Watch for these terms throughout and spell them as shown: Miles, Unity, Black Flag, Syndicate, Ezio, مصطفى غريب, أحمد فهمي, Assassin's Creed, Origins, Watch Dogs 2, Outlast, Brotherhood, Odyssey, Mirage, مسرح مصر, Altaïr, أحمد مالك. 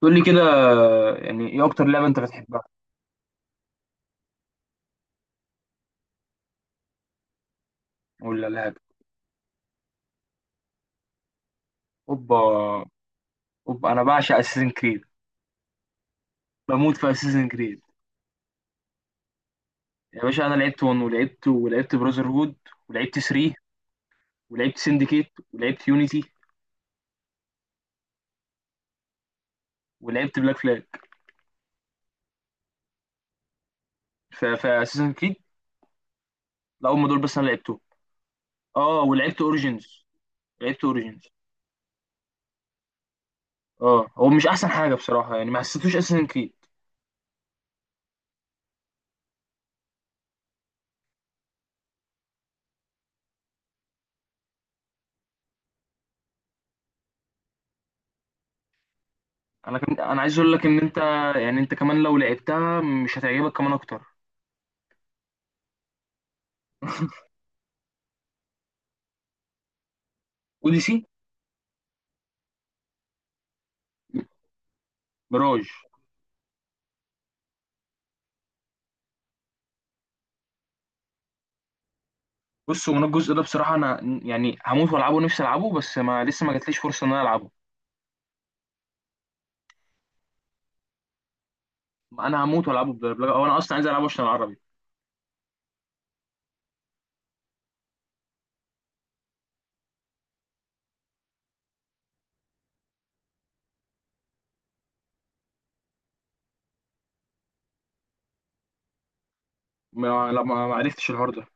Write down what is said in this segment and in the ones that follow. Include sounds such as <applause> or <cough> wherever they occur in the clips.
تقول لي كده، يعني ايه اكتر لعبه انت بتحبها ولا لعبه؟ اوبا اوبا، انا بعشق اساسن كريد، بموت في اساسن كريد. يا باشا انا لعبت 1 ولعبت براذر هود، ولعبت 3، ولعبت سندكيت، ولعبت يونيتي، ولعبت بلاك فلاج في اساسن كريد. لا، هم دول بس انا لعبتهم. اه، ولعبت اوريجينز، لعبت اوريجينز. اه، هو مش احسن حاجه بصراحه، يعني ما حسيتوش اساسن كريد. انا كان انا عايز اقول لك ان انت يعني انت كمان لو لعبتها مش هتعجبك كمان اكتر. <laughs> اوديسي. ميراج. بص هو انا الجزء ده بصراحه انا يعني هموت والعبه، نفسي العبه بس ما لسه ما جاتليش فرصه ان انا العبه. انا هموت والعبه بالدبلجه، او انا اصلا عايز العبه عشان العربي. ما لا، ما ما عرفتش الحوار ده.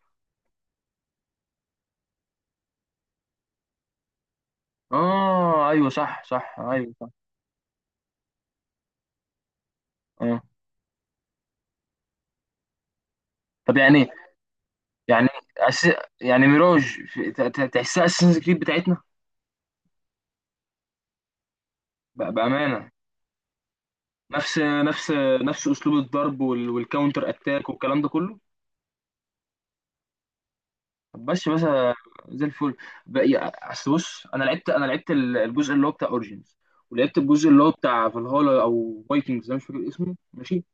اه ايوه صح صح ايوه صح. اه طب يعني، يعني أس... يعني ميراج، تحسها اساسنز كريد بتاعتنا؟ بامانه. نفس نفس اسلوب الضرب والكاونتر اتاك والكلام ده كله. طب بس زي الفل. بقى- اصل بص انا لعبت، الجزء اللي هو بتاع اوريجينز، ولعبت الجزء اللي هو بتاع فالهالا او فايكنجز، انا مش فاكر اسمه. ماشي،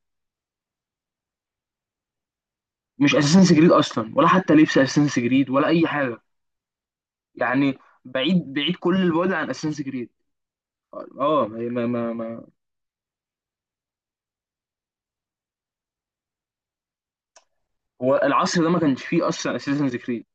مش اساسنس جريد اصلا، ولا حتى لبس اساسنس جريد، ولا اي حاجه. يعني بعيد بعيد كل البعد عن اساسنس جريد. اه ما ما ما ما- هو العصر ده ما كانش فيه اصلا اساسنس جريد.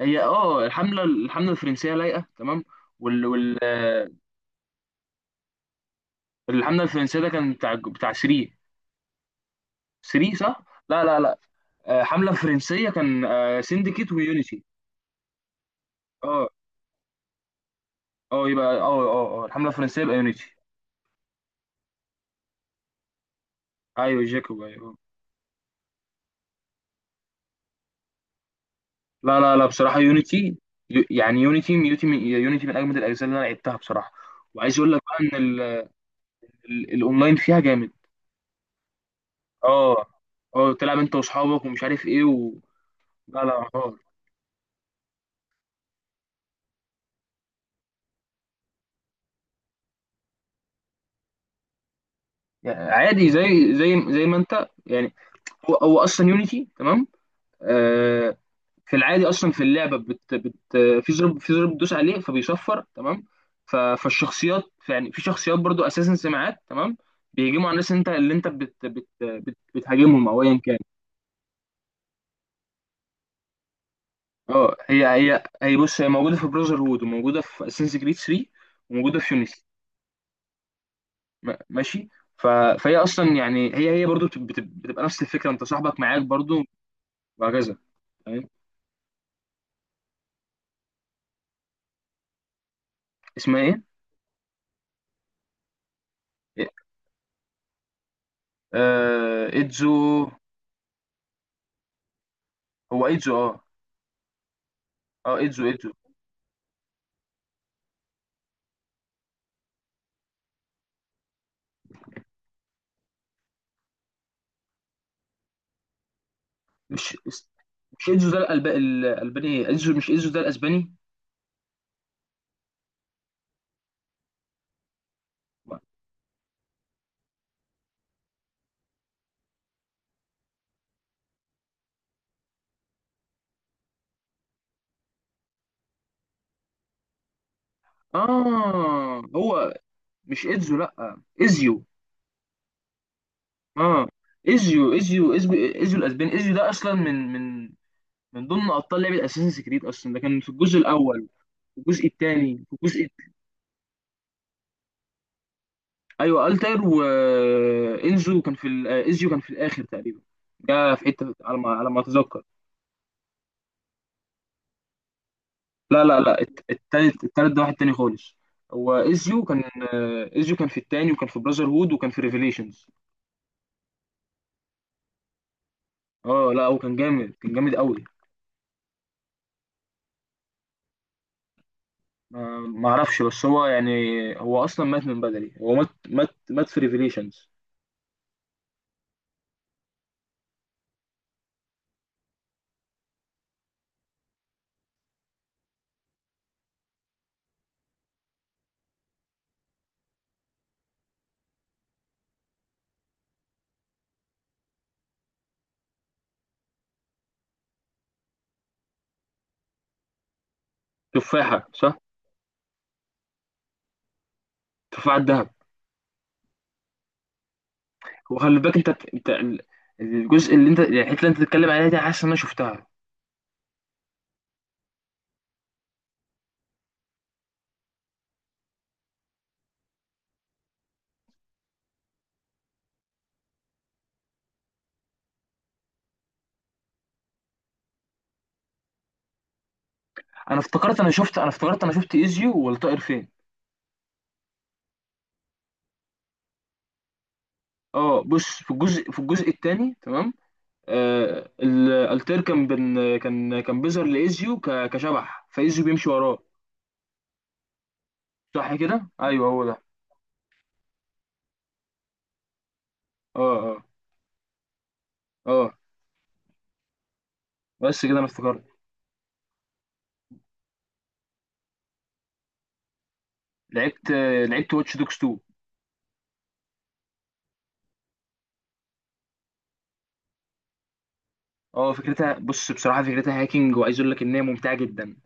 هي اه الحمله الفرنسيه لايقه تمام. وال وال آه، الحمله الفرنسيه ده كان بتاع بتاع 3. 3 صح؟ لا لا لا، حملة فرنسية كان، سينديكيت ويونيتي. اه اه يبقى الحملة الفرنسية يبقى يونيتي. ايوه جاكوب ايوه. لا لا لا، بصراحة يونيتي، يونيتي من اجمد الاجزاء اللي انا لعبتها بصراحة. وعايز اقول لك بقى ان الاونلاين فيها جامد. اه اه، تلعب انت واصحابك ومش عارف ايه لا لا اه، يعني عادي، زي زي ما انت يعني. هو هو اصلا يونيتي تمام، آه، في العادي، اصلا في اللعبه في زر، في زر بتدوس عليه فبيصفر تمام. فالشخصيات، يعني في شخصيات برضو اساسا سمعات تمام، بيهجموا على الناس، انت اللي انت بتهاجمهم او ايا كان. اه هي بص، هي موجوده في براذر هود، وموجوده في اساسنز كريد 3، وموجوده في يونيتي. ماشي. ف... فهي اصلا يعني هي برضو بتبقى نفس الفكره، انت صاحبك معاك برضو وهكذا. تمام. اسمها ايه؟ إيه؟ ايدزو. هو ايدزو اه. اه ايدزو. مش مش انزو ده الالباني؟ ايه انزو، مش انزو ده الاسباني. اه هو مش انزو، لا ازيو. اه ازيو الاسباني. ازيو ده اصلا من من ضمن ابطال لعبه اساسن كريد، اصلا ده كان في الجزء الاول، في الجزء الثاني، في الجزء. ايوه التر وانزو كان ازيو كان في الاخر تقريبا، ده في حته على ما على ما اتذكر. لا لا لا، التالت، التالت ده واحد تاني خالص. هو ازيو كان، ازيو كان في التاني، وكان في براذر هود، وكان في ريفيليشنز. اه لا هو كان جامد، كان جامد قوي. ما اعرفش، بس هو يعني هو اصلا مات من بدري، هو مات مات في ريفيليشنز. تفاحه صح، تفاحه الذهب. وخلي بالك انت، الجزء اللي انت يعني الحته اللي انت بتتكلم عليها دي، حاسس ان انا شفتها. انا افتكرت انا شفت ازيو والطائر فين. اه بص، في الجزء، في الجزء الثاني تمام، الالتير كان بن كان كان بيظهر لايزيو كشبح، فايزيو بيمشي وراه. صح كده، ايوه هو ده. اه اه اه بس كده انا افتكرت. لعبت لعبت واتش دوكس 2. اه فكرتها، بص بصراحه فكرتها هاكينج، وعايز اقول لك ان هي ممتعه جدا،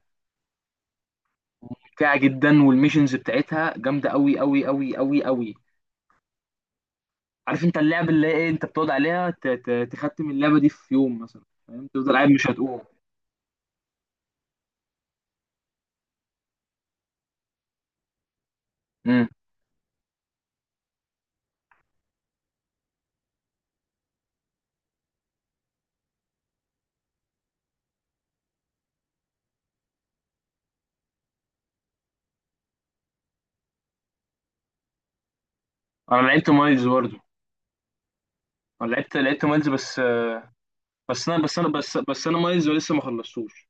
ممتعه جدا، والميشنز بتاعتها جامده قوي قوي. عارف انت اللعبه اللي هي ايه؟ انت بتقعد عليها تختم اللعبه دي في يوم مثلا، فاهم؟ تفضل قاعد مش هتقوم. امم، انا لعبت مايلز برضه. انا لعبت مايلز بس، بس انا مايز ولسه ما خلصتوش.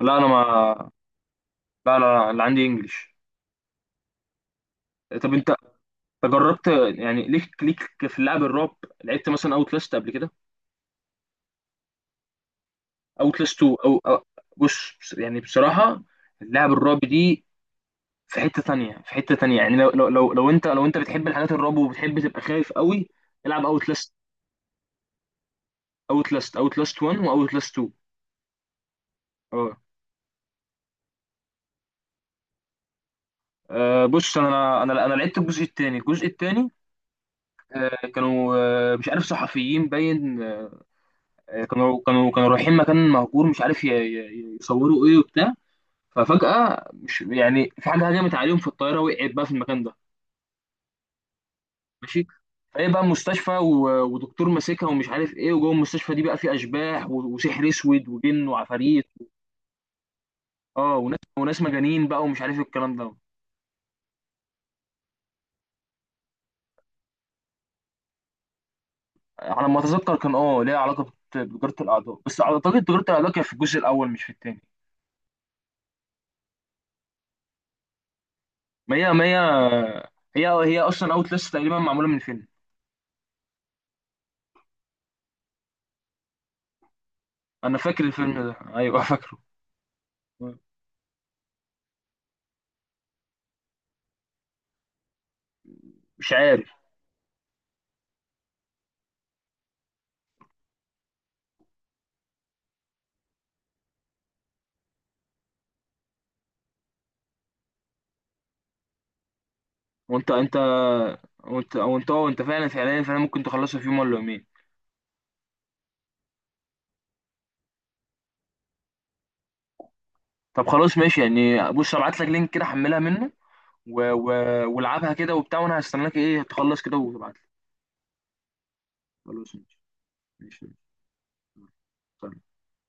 لا انا ما لا لا لا، اللي عندي انجليش. طب انت، أنت جربت، يعني ليك في اللعب الرعب؟ لعبت مثلا اوت لاست قبل كده، اوت لاست 2 بص، يعني بصراحه اللعب الرعب دي في حته تانية، في حته تانية، يعني لو انت بتحب الحاجات الرعب وبتحب تبقى خايف قوي، العب اوت لاست. اوت لاست 1 واوت لاست 2. اه بص انا انا لعبت الجزء الثاني، الجزء الثاني، آه، كانوا آه، مش عارف، صحفيين باين، كانوا كانوا رايحين مكان مهجور، مش عارف يصوروا ايه وبتاع. ففجأة مش يعني، في حاجة هجمت عليهم، في الطيارة وقعت بقى في المكان ده. ماشي، فايه بقى مستشفى ودكتور ماسكها ومش عارف ايه، وجوه المستشفى دي بقى في اشباح وسحر اسود وجن وعفاريت. اه وناس، وناس مجانين بقى ومش عارف الكلام ده. على ما اتذكر كان اه ليها علاقة بتجارة الاعضاء، بس اعتقد تجارة الاعضاء كانت في الجزء الاول مش في التاني. ما هي هي اصلا اوت لسه تقريبا معمولة من فيلم. انا فاكر الفيلم ده ايوه. <laughs> فاكره. مش عارف. وانت انت وانت وانت فعلا فعلا ممكن تخلصها في يوم ولا يومين. طب خلاص ماشي، يعني بص، ابعت لك لينك كده حملها منه و... و... والعبها كده وبتاع، وانا هستناك ايه تخلص كده وتبعت لي. خلاص ماشي. ماشي يلا.